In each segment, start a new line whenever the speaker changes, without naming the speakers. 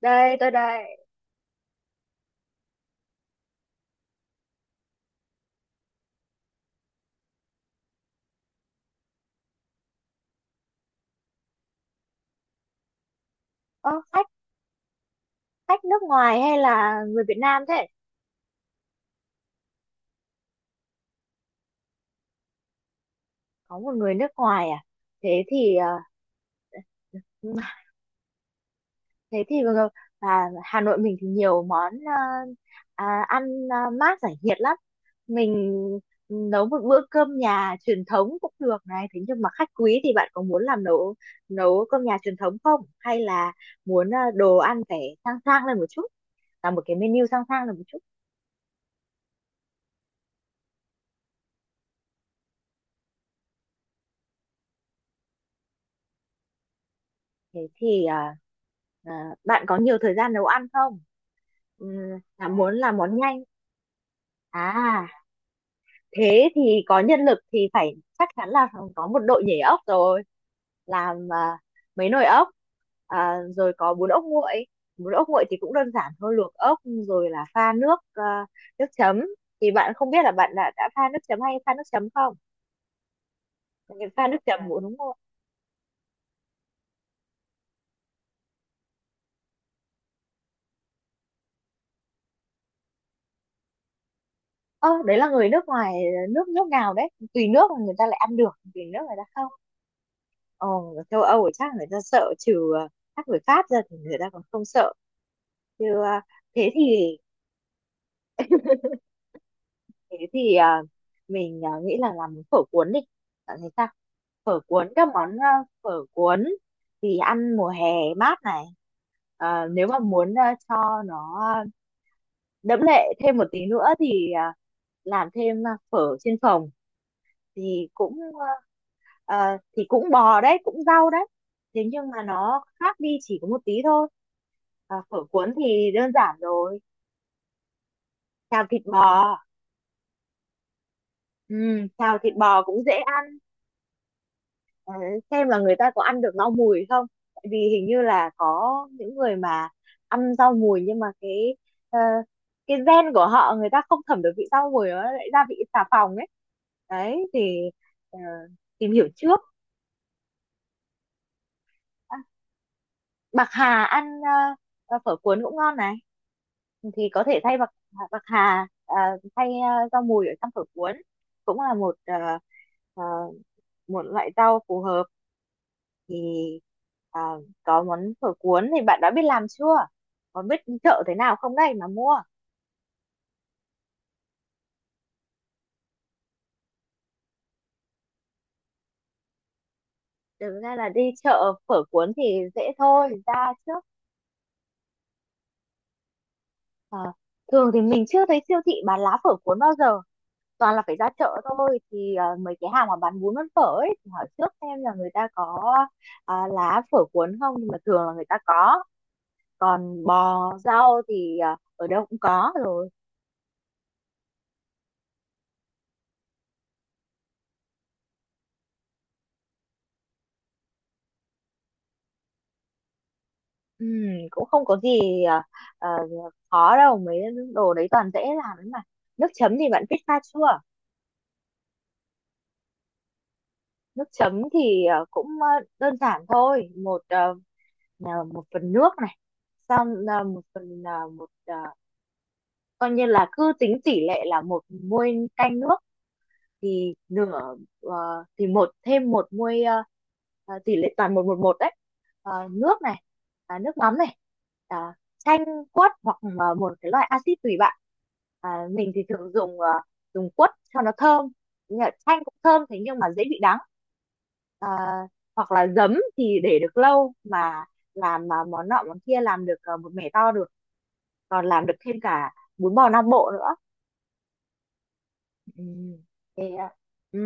Đây tôi đây. Ơ, khách khách nước ngoài hay là người Việt Nam thế? Có một người nước ngoài à? Thế thì ừ, thế thì Hà Nội mình thì nhiều món ăn mát giải nhiệt lắm. Mình nấu một bữa cơm nhà truyền thống cũng được này, thế nhưng mà khách quý thì bạn có muốn làm nấu nấu cơm nhà truyền thống không hay là muốn đồ ăn phải sang sang lên một chút, là một cái menu sang sang lên một chút? Thế thì bạn có nhiều thời gian nấu ăn không? Ừ, là muốn làm món nhanh à? Thế thì có nhân lực thì phải chắc chắn là có một đội nhảy ốc rồi, làm mấy nồi ốc, rồi có bún ốc nguội. Bún ốc nguội thì cũng đơn giản thôi, luộc ốc rồi là pha nước, nước chấm. Thì bạn không biết là bạn đã pha nước chấm hay pha nước chấm không? Bạn pha nước chấm bún ốc nguội? Ơ, đấy là người nước ngoài, nước nước nào đấy? Tùy nước mà người ta lại ăn được, tùy nước người ta không. Ờ, ở châu Âu thì chắc người ta sợ, trừ chắc người Pháp ra thì người ta còn không sợ, chứ thế thì thế thì mình nghĩ là làm phở cuốn đi, bạn thấy sao? Phở cuốn các món phở cuốn thì ăn mùa hè mát này. Ờ, nếu mà muốn cho nó đẫm lệ thêm một tí nữa thì làm thêm phở trên phồng thì cũng thì cũng bò đấy, cũng rau đấy, thế nhưng mà nó khác đi chỉ có một tí thôi. À, phở cuốn thì đơn giản rồi, xào thịt bò. Ừ, xào thịt bò cũng dễ ăn. Ờ, xem là người ta có ăn được rau mùi không, tại vì hình như là có những người mà ăn rau mùi nhưng mà cái ờ, cái gen của họ, người ta không thẩm được vị rau mùi, nó lại ra vị xà phòng ấy. Đấy thì ờ, tìm hiểu trước. Bạc hà ăn phở cuốn cũng ngon này, thì có thể thay bạc bạc hà thay rau mùi ở trong phở cuốn cũng là một ờ, một loại rau phù hợp. Thì ờ, có món phở cuốn thì bạn đã biết làm chưa, có biết chợ thế nào không đây mà mua? Thực ra là đi chợ phở cuốn thì dễ thôi, ra trước. Ờ, thường thì mình chưa thấy siêu thị bán lá phở cuốn bao giờ, toàn là phải ra chợ thôi, thì mấy cái hàng mà bán bún bán phở ấy thì hỏi trước xem là người ta có lá phở cuốn không, nhưng mà thường là người ta có. Còn bò rau thì ở đâu cũng có rồi. Ừm, cũng không có gì à, khó đâu mấy, đồ đấy toàn dễ làm ấy mà. Nước chấm thì bạn biết pha chưa? Nước chấm thì cũng đơn giản thôi, một một phần nước này, xong một phần coi như là cứ tính tỷ lệ là một muôi canh nước thì nửa thì một, thêm một muôi tỷ lệ toàn một một một đấy. Ờ, nước này, nước mắm này, à, chanh quất hoặc là một cái loại axit tùy bạn. À, mình thì thường dùng dùng quất cho nó thơm, nhưng mà chanh cũng thơm, thế nhưng mà dễ bị đắng. À, hoặc là giấm thì để được lâu mà, làm mà món nọ món kia, làm được một mẻ to được, còn làm được thêm cả bún bò Nam Bộ nữa. Ừ, thế à? Ừ.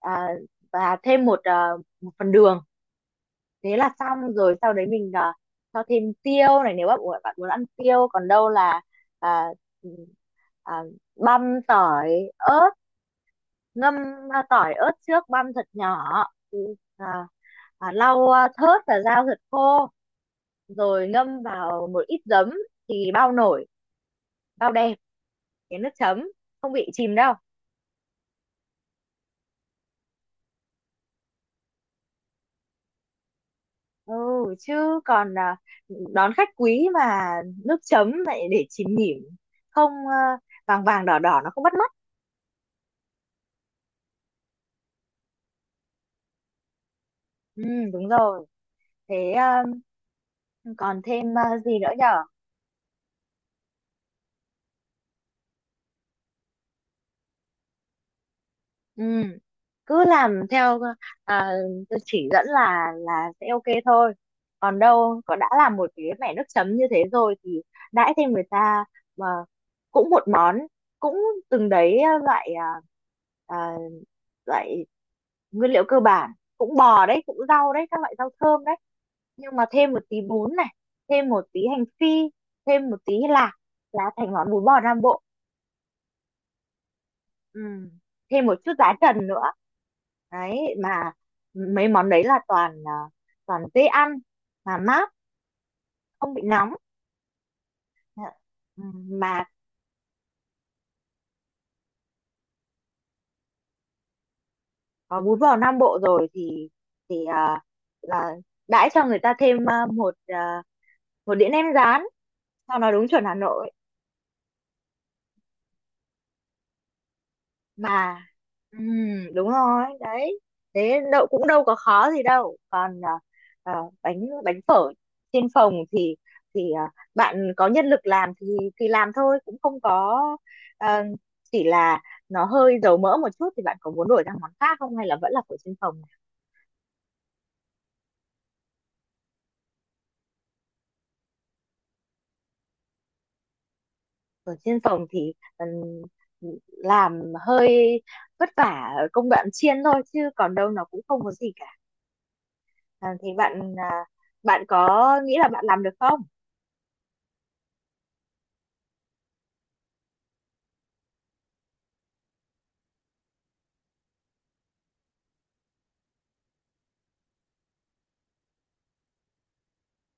À, và thêm một một phần đường, thế là xong rồi. Sau đấy mình cho thêm tiêu này nếu bạn muốn, bạn muốn ăn tiêu, còn đâu là à, ừ, à, băm tỏi ớt, ngâm tỏi ớt trước, băm thật nhỏ. Ừ, à, lau thớt và rau thật khô, rồi ngâm vào một ít giấm thì bao nổi, bao đẹp cái nước chấm, không bị chìm đâu. Ừ, chứ còn đón khách quý mà nước chấm lại để chìm nghỉm, không vàng vàng đỏ đỏ nó không bắt mắt. Ừ, đúng rồi. Thế còn thêm gì nữa nhở? Ừ, cứ làm theo à, tôi chỉ dẫn là sẽ ok thôi. Còn đâu có đã làm một cái mẻ nước chấm như thế rồi thì đãi thêm người ta mà, cũng một món cũng từng đấy loại à, loại nguyên liệu cơ bản, cũng bò đấy cũng rau đấy các loại rau thơm đấy, nhưng mà thêm một tí bún này, thêm một tí hành phi, thêm một tí lạc là thành món bún bò Nam Bộ. Ừ. Thêm một chút giá trần nữa đấy. Mà mấy món đấy là toàn toàn dễ ăn mà mát, không bị nóng. Ừ, mà có bún bò Nam Bộ rồi thì là đãi cho người ta thêm một một đĩa nem rán cho nó đúng chuẩn Hà Nội mà. Ừ, đúng rồi đấy. Thế đâu cũng đâu có khó gì đâu, còn à, bánh bánh phở trên phòng thì bạn có nhân lực làm thì làm thôi, cũng không có à, chỉ là nó hơi dầu mỡ một chút thì bạn có muốn đổi sang món khác không hay là vẫn là phở trên phòng? Phở trên phòng thì làm hơi vất vả ở công đoạn chiên thôi, chứ còn đâu nó cũng không có gì cả. À, thì bạn bạn có nghĩ là bạn làm được không?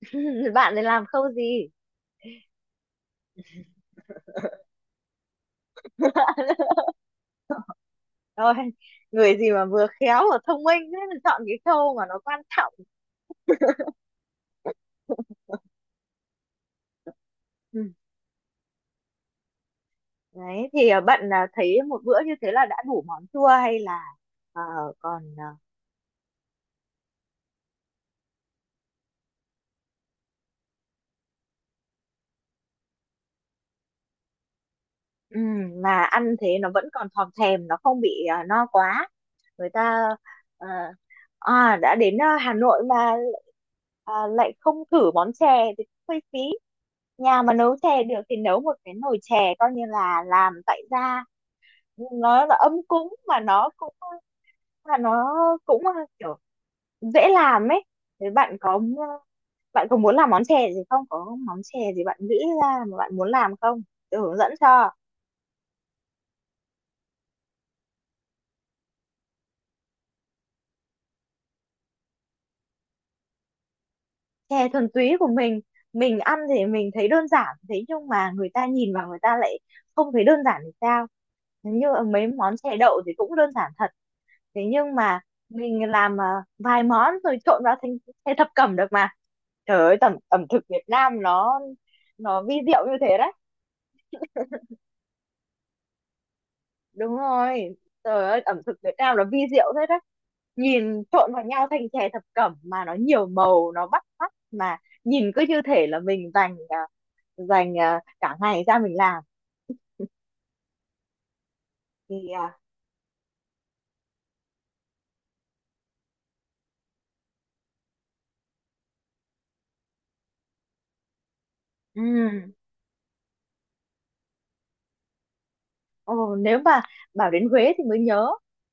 Bạn này làm khâu gì? Rồi, người gì mà vừa khéo vừa thông minh thế mà chọn cái khâu mà nó quan trọng. Ừ. Đấy, thì bạn thấy một bữa như thế là đã đủ món chua hay là ờ, còn mà ăn thế nó vẫn còn thòm thèm, nó không bị no quá. Người ta ờ, đã đến Hà Nội mà lại không thử món chè thì cũng hơi phí. Nhà mà nấu chè được thì nấu một cái nồi chè coi như là làm tại gia, nó là ấm cúng mà nó cũng, mà nó cũng kiểu dễ làm ấy. Thế bạn có ờ, bạn có muốn làm món chè gì không, có món chè gì bạn nghĩ ra mà bạn muốn làm không? Tôi hướng dẫn cho. Chè thuần túy của mình ăn thì mình thấy đơn giản, thế nhưng mà người ta nhìn vào người ta lại không thấy đơn giản thì sao? Như mấy món chè đậu thì cũng đơn giản thật, thế nhưng mà mình làm vài món rồi trộn vào thành thành thập cẩm được mà. Trời ơi, ẩm ẩm thực Việt Nam nó vi diệu như thế đấy. Đúng rồi. Trời ơi, ẩm thực Việt Nam nó vi diệu thế đấy, nhìn trộn vào nhau thành chè thập cẩm mà nó nhiều màu, nó bắt mắt mà, nhìn cứ như thể là mình dành dành cả ngày ra mình làm. Thì ừm, ồ, nếu mà bảo đến Huế thì mới nhớ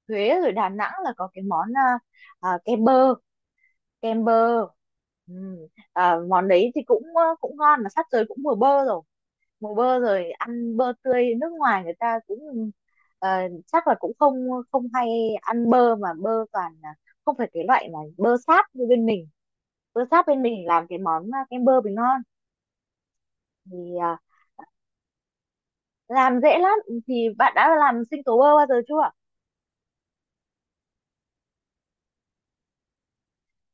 Huế rồi Đà Nẵng là có cái món cái bơ, kem bơ. Ừ. À, món đấy thì cũng cũng ngon, mà sắp tới cũng mùa bơ rồi. Mùa bơ rồi, ăn bơ tươi, nước ngoài người ta cũng ờ, chắc là cũng không, không hay ăn bơ, mà bơ toàn là không phải cái loại mà bơ sáp như bên mình. Bơ sáp bên mình làm cái món kem bơ bình ngon. Thì làm dễ lắm. Thì bạn đã làm sinh tố bơ bao giờ chưa?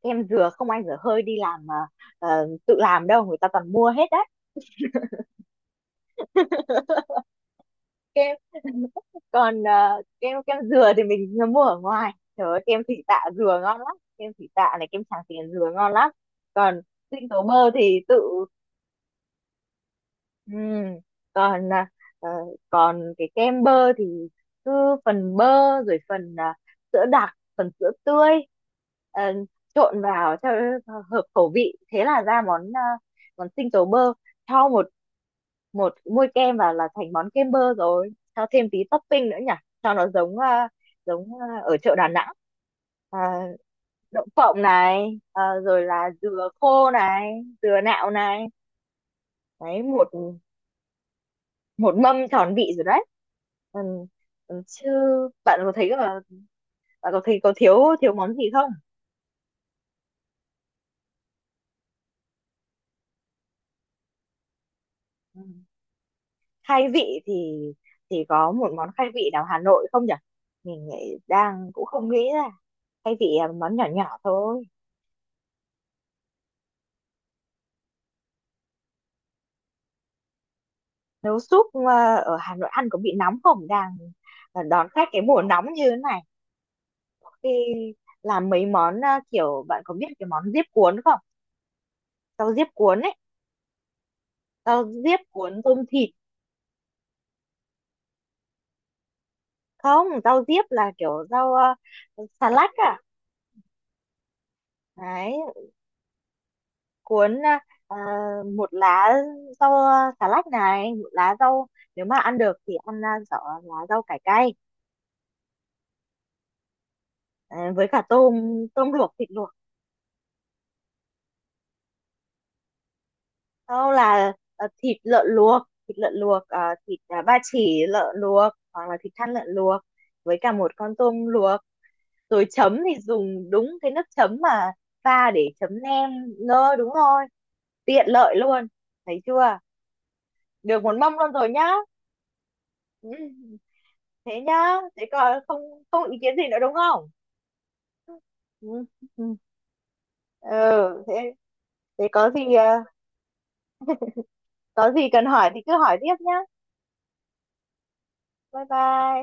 Kem dừa không ai dở hơi đi làm mà, tự làm đâu, người ta toàn mua hết đấy. Kem còn kem kem dừa thì mình mua ở ngoài, trời ơi, kem thị tạ dừa ngon lắm, kem thị tạ này, kem Tràng Tiền dừa ngon lắm. Còn sinh tố bơ thì tự. Ừ. Còn ờ, còn cái kem bơ thì cứ phần bơ rồi phần sữa đặc, phần sữa tươi, ờ, trộn vào cho hợp khẩu vị, thế là ra món món sinh tố bơ. Cho một một muôi kem vào là thành món kem bơ rồi, cho thêm tí topping nữa nhỉ, cho nó giống giống ở chợ Đà Nẵng. À, đậu phộng này, à, rồi là dừa khô này, dừa nạo này. Đấy, một một mâm tròn vị rồi đấy. Ừ. Ừ, chứ bạn có thấy là bạn có thấy có thiếu thiếu món gì không? Ừ. Khai vị thì có một món khai vị nào Hà Nội không nhỉ? Mình nghĩ đang cũng không nghĩ ra. Khai vị là món nhỏ nhỏ thôi. Nấu súp à, ở Hà Nội ăn có bị nóng không đang? Ờ, đón khách cái mùa nóng như thế này, khi làm mấy món kiểu bạn có biết cái món diếp cuốn không, rau diếp cuốn ấy, rau diếp cuốn tôm thịt? Không, rau diếp là kiểu rau xà lách à? Đấy, cuốn ờ, một lá rau xà lách này, một lá rau, nếu mà ăn được thì ăn rau, lá rau cải cay, ờ, với cả tôm, tôm luộc, thịt luộc. Sau là thịt lợn luộc, thịt lợn luộc thịt ba chỉ lợn luộc hoặc là thịt thăn lợn luộc với cả một con tôm luộc. Rồi chấm thì dùng đúng cái nước chấm mà pha để chấm nem. Nơ, đúng rồi, tiện lợi luôn. Thấy chưa, được một mâm luôn rồi nhá. Ừ, thế nhá, thế còn không, không ý kiến gì nữa đúng không? Ừ. Ừ. Ừ, thế, thế có gì có gì cần hỏi thì cứ hỏi tiếp nhá. Bye bye.